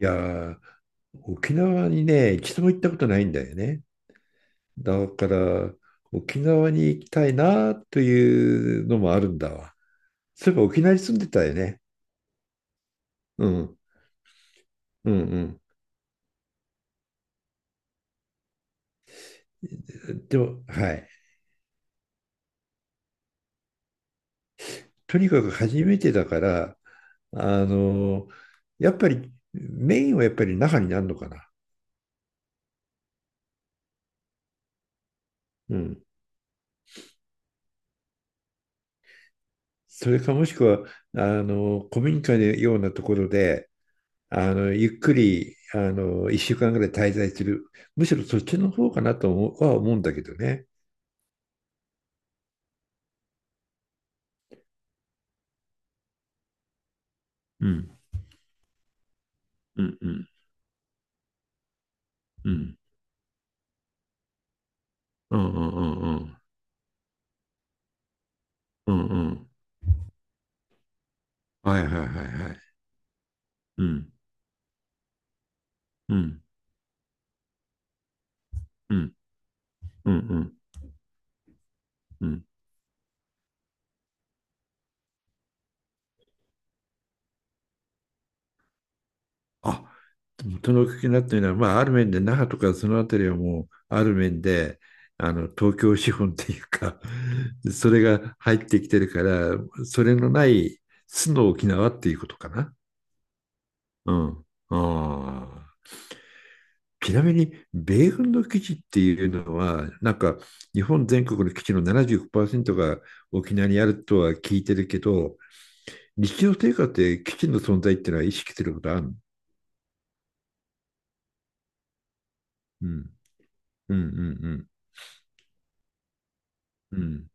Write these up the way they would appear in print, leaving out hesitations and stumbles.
いやー、沖縄にね、一度も行ったことないんだよね。だから、沖縄に行きたいなというのもあるんだわ。そういえば沖縄に住んでたよね。うん、うん、うん。でも、はい。とにかく初めてだから、あのやっぱりメインはやっぱり那覇になるのかな。うん。それかもしくは、古民家のようなところで、ゆっくり、一週間ぐらい滞在する。むしろそっちの方かなと思うは思うんだけどね。うん、うん、うん、うん、うん、うん、うん、うん、うん、はいはいはいはい。うん、うん、うん、うん、うん、うん。あ、その気になってるのは、まあ、ある面で那覇とかそのあたりはもう、ある面で、東京資本っていうか、それが入ってきてるから、それのない、素の沖縄っていうことかな。うん。ああ。ちなみに、米軍の基地っていうのは、なんか日本全国の基地の75%が沖縄にあるとは聞いてるけど、日常生活で基地の存在っていうのは意識することあるの？うん。うんうんうんうん。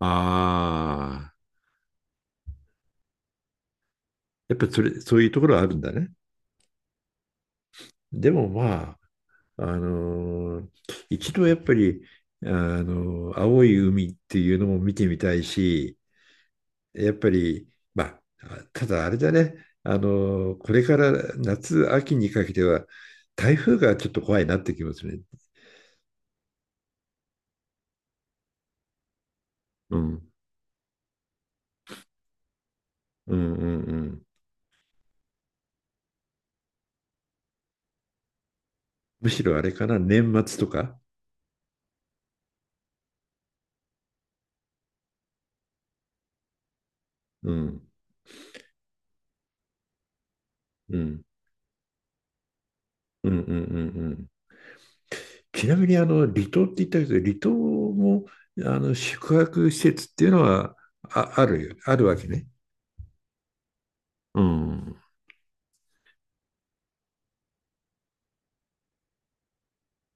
ああー、やっぱりそれ、そういうところはあるんだね。でもまあ、あのー一度やっぱり、青い海っていうのも見てみたいし、やっぱり、まあ、ただあれだね、これから夏、秋にかけては、台風がちょっと怖いなってきますね。うん、うん、うん、うん、むしろあれかな、年末とか。うん、うん、うん、うん、うん。うん。ちなみに、離島って言ったけど、離島も、宿泊施設っていうのは、あ、あるよ、あるわけね。うん、うん、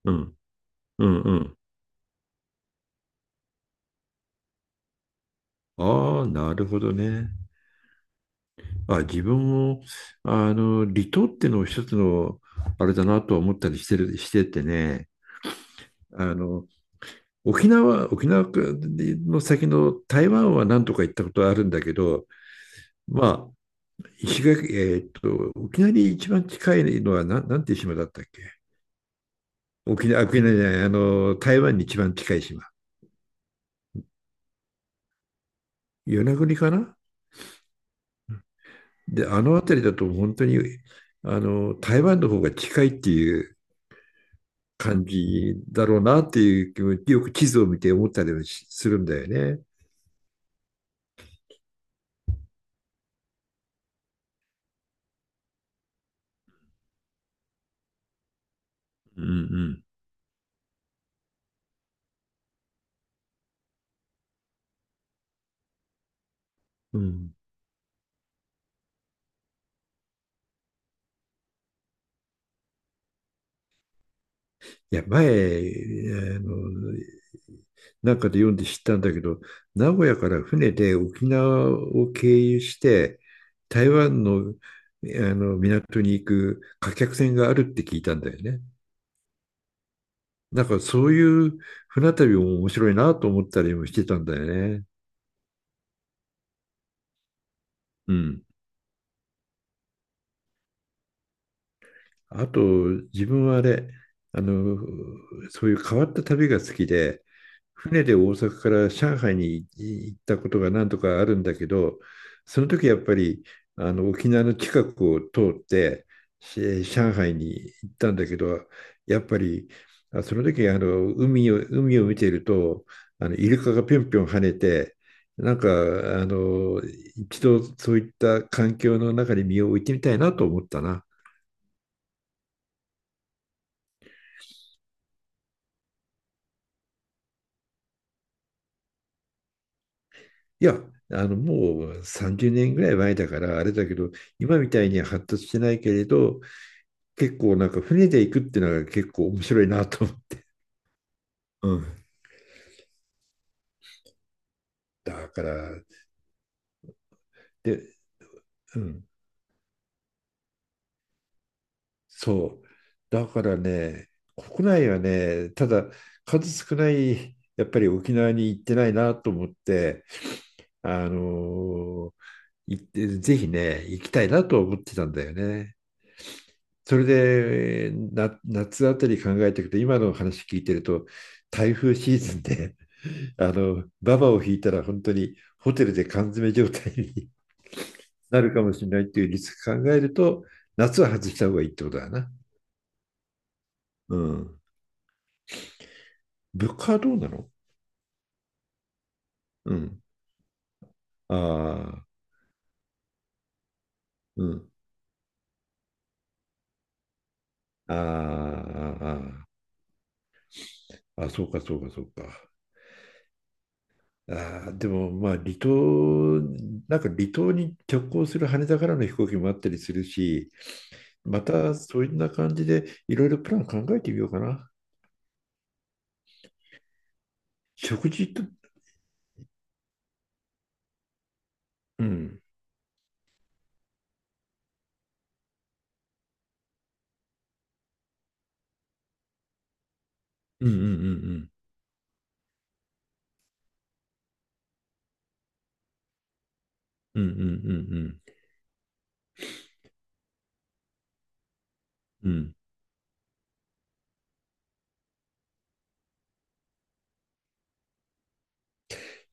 うん、うん。ああ、なるほどね。あ、自分も、離島ってのを一つの、あれだなとは思ったりしててね、あの、沖縄の先の台湾は何とか行ったことあるんだけど、まあ、石垣、沖縄に一番近いのは、なんていう島だったっけ？沖縄、沖縄じゃない、台湾に一番近い島。与那国かな？で、あの辺りだと本当に、あの、台湾の方が近いっていう感じだろうなっていう気も、よく地図を見て思ったりはするんだよね。うんうん。うん。いや、前、あの、なんかで読んで知ったんだけど、名古屋から船で沖縄を経由して、台湾の、あの港に行く貨客船があるって聞いたんだよね。なんかそういう船旅も面白いなと思ったりもしてたんだよね。うん。あと、自分はあれ、あの、そういう変わった旅が好きで、船で大阪から上海に行ったことが何とかあるんだけど、その時やっぱり沖縄の近くを通って上海に行ったんだけど、やっぱりその時海を見ているとイルカがぴょんぴょん跳ねて、なんか一度そういった環境の中に身を置いてみたいなと思ったな。いや、もう30年ぐらい前だからあれだけど、今みたいには発達してないけれど、結構なんか船で行くっていうのが結構面白いなと思って。うん。だから、で、うん、そう。だからね、国内はね、ただ数少ない、やっぱり沖縄に行ってないなと思って、あのー行って、ぜひね、行きたいなと思ってたんだよね。それでな夏あたり考えていくと今の話聞いてると台風シーズンでババを引いたら本当にホテルで缶詰状態になるかもしれないっていうリスク考えると夏は外した方がいいってことだな。うん。物価はどうなの？うん。ああ、うん。ああ、あーあー、あそうかそうかそうか。ああ、でもまあ離島、なんか離島に直行する羽田からの飛行機もあったりするし、また、そういった感じで、いろいろプラン考えてみようかな。食事と、うん。うんうんうんうん。うんうんうんうん。うん。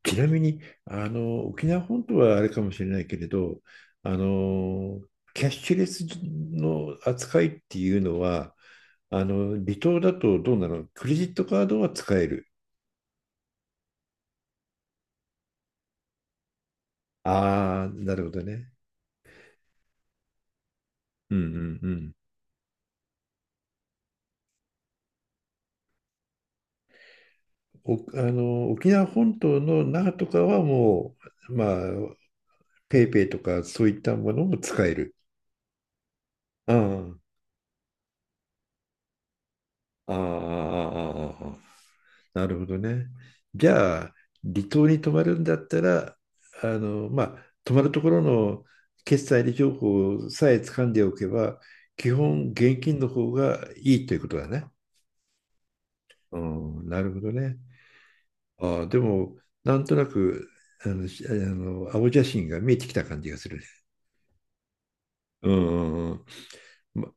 ちなみに、沖縄本島はあれかもしれないけれど、あの、キャッシュレスの扱いっていうのは、離島だとどうなの？クレジットカードは使える？ああ、なるほどね。うんうんうん。お、沖縄本島の那覇とかはもう、まあ、ペイペイとかそういったものも使える？ああ、ああ、ああ、ああ。なるほどね。じゃあ、離島に泊まるんだったら、まあ、泊まるところの決済情報さえ掴んでおけば、基本現金の方がいいということだね。うん、なるほどね。ああ、でも、なんとなく、青写真が見えてきた感じがするね。うんうんうん。ま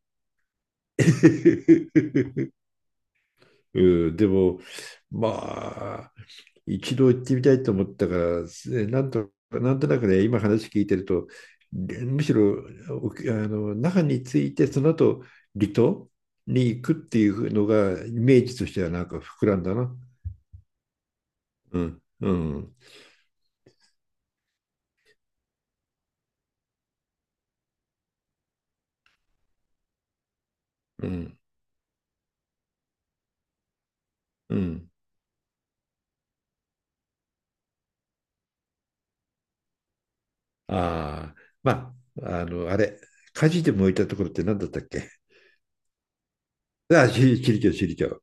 うん、でも、まあ、一度行ってみたいと思ったから、なんとなくね、今話聞いてると、むしろ那覇に着いて、その後離島に行くっていうのが、イメージとしてはなんか膨らんだな。うん、うん、うん、うん。ああ、まあ、あれ、火事で燃えたところって何だったっけ？ ああ、首里城、首里城。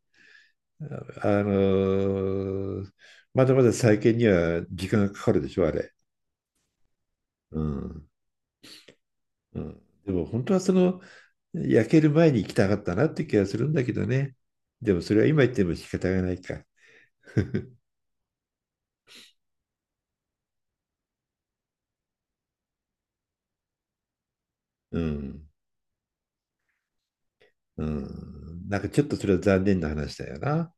あのまだまだ再建には時間がかかるでしょ、あれ。うん。うん、でも本当はその、焼ける前に行きたかったなって気がするんだけどね。でもそれは今言っても仕方がないか。うん。うん。なんかちょっとそれは残念な話だよな。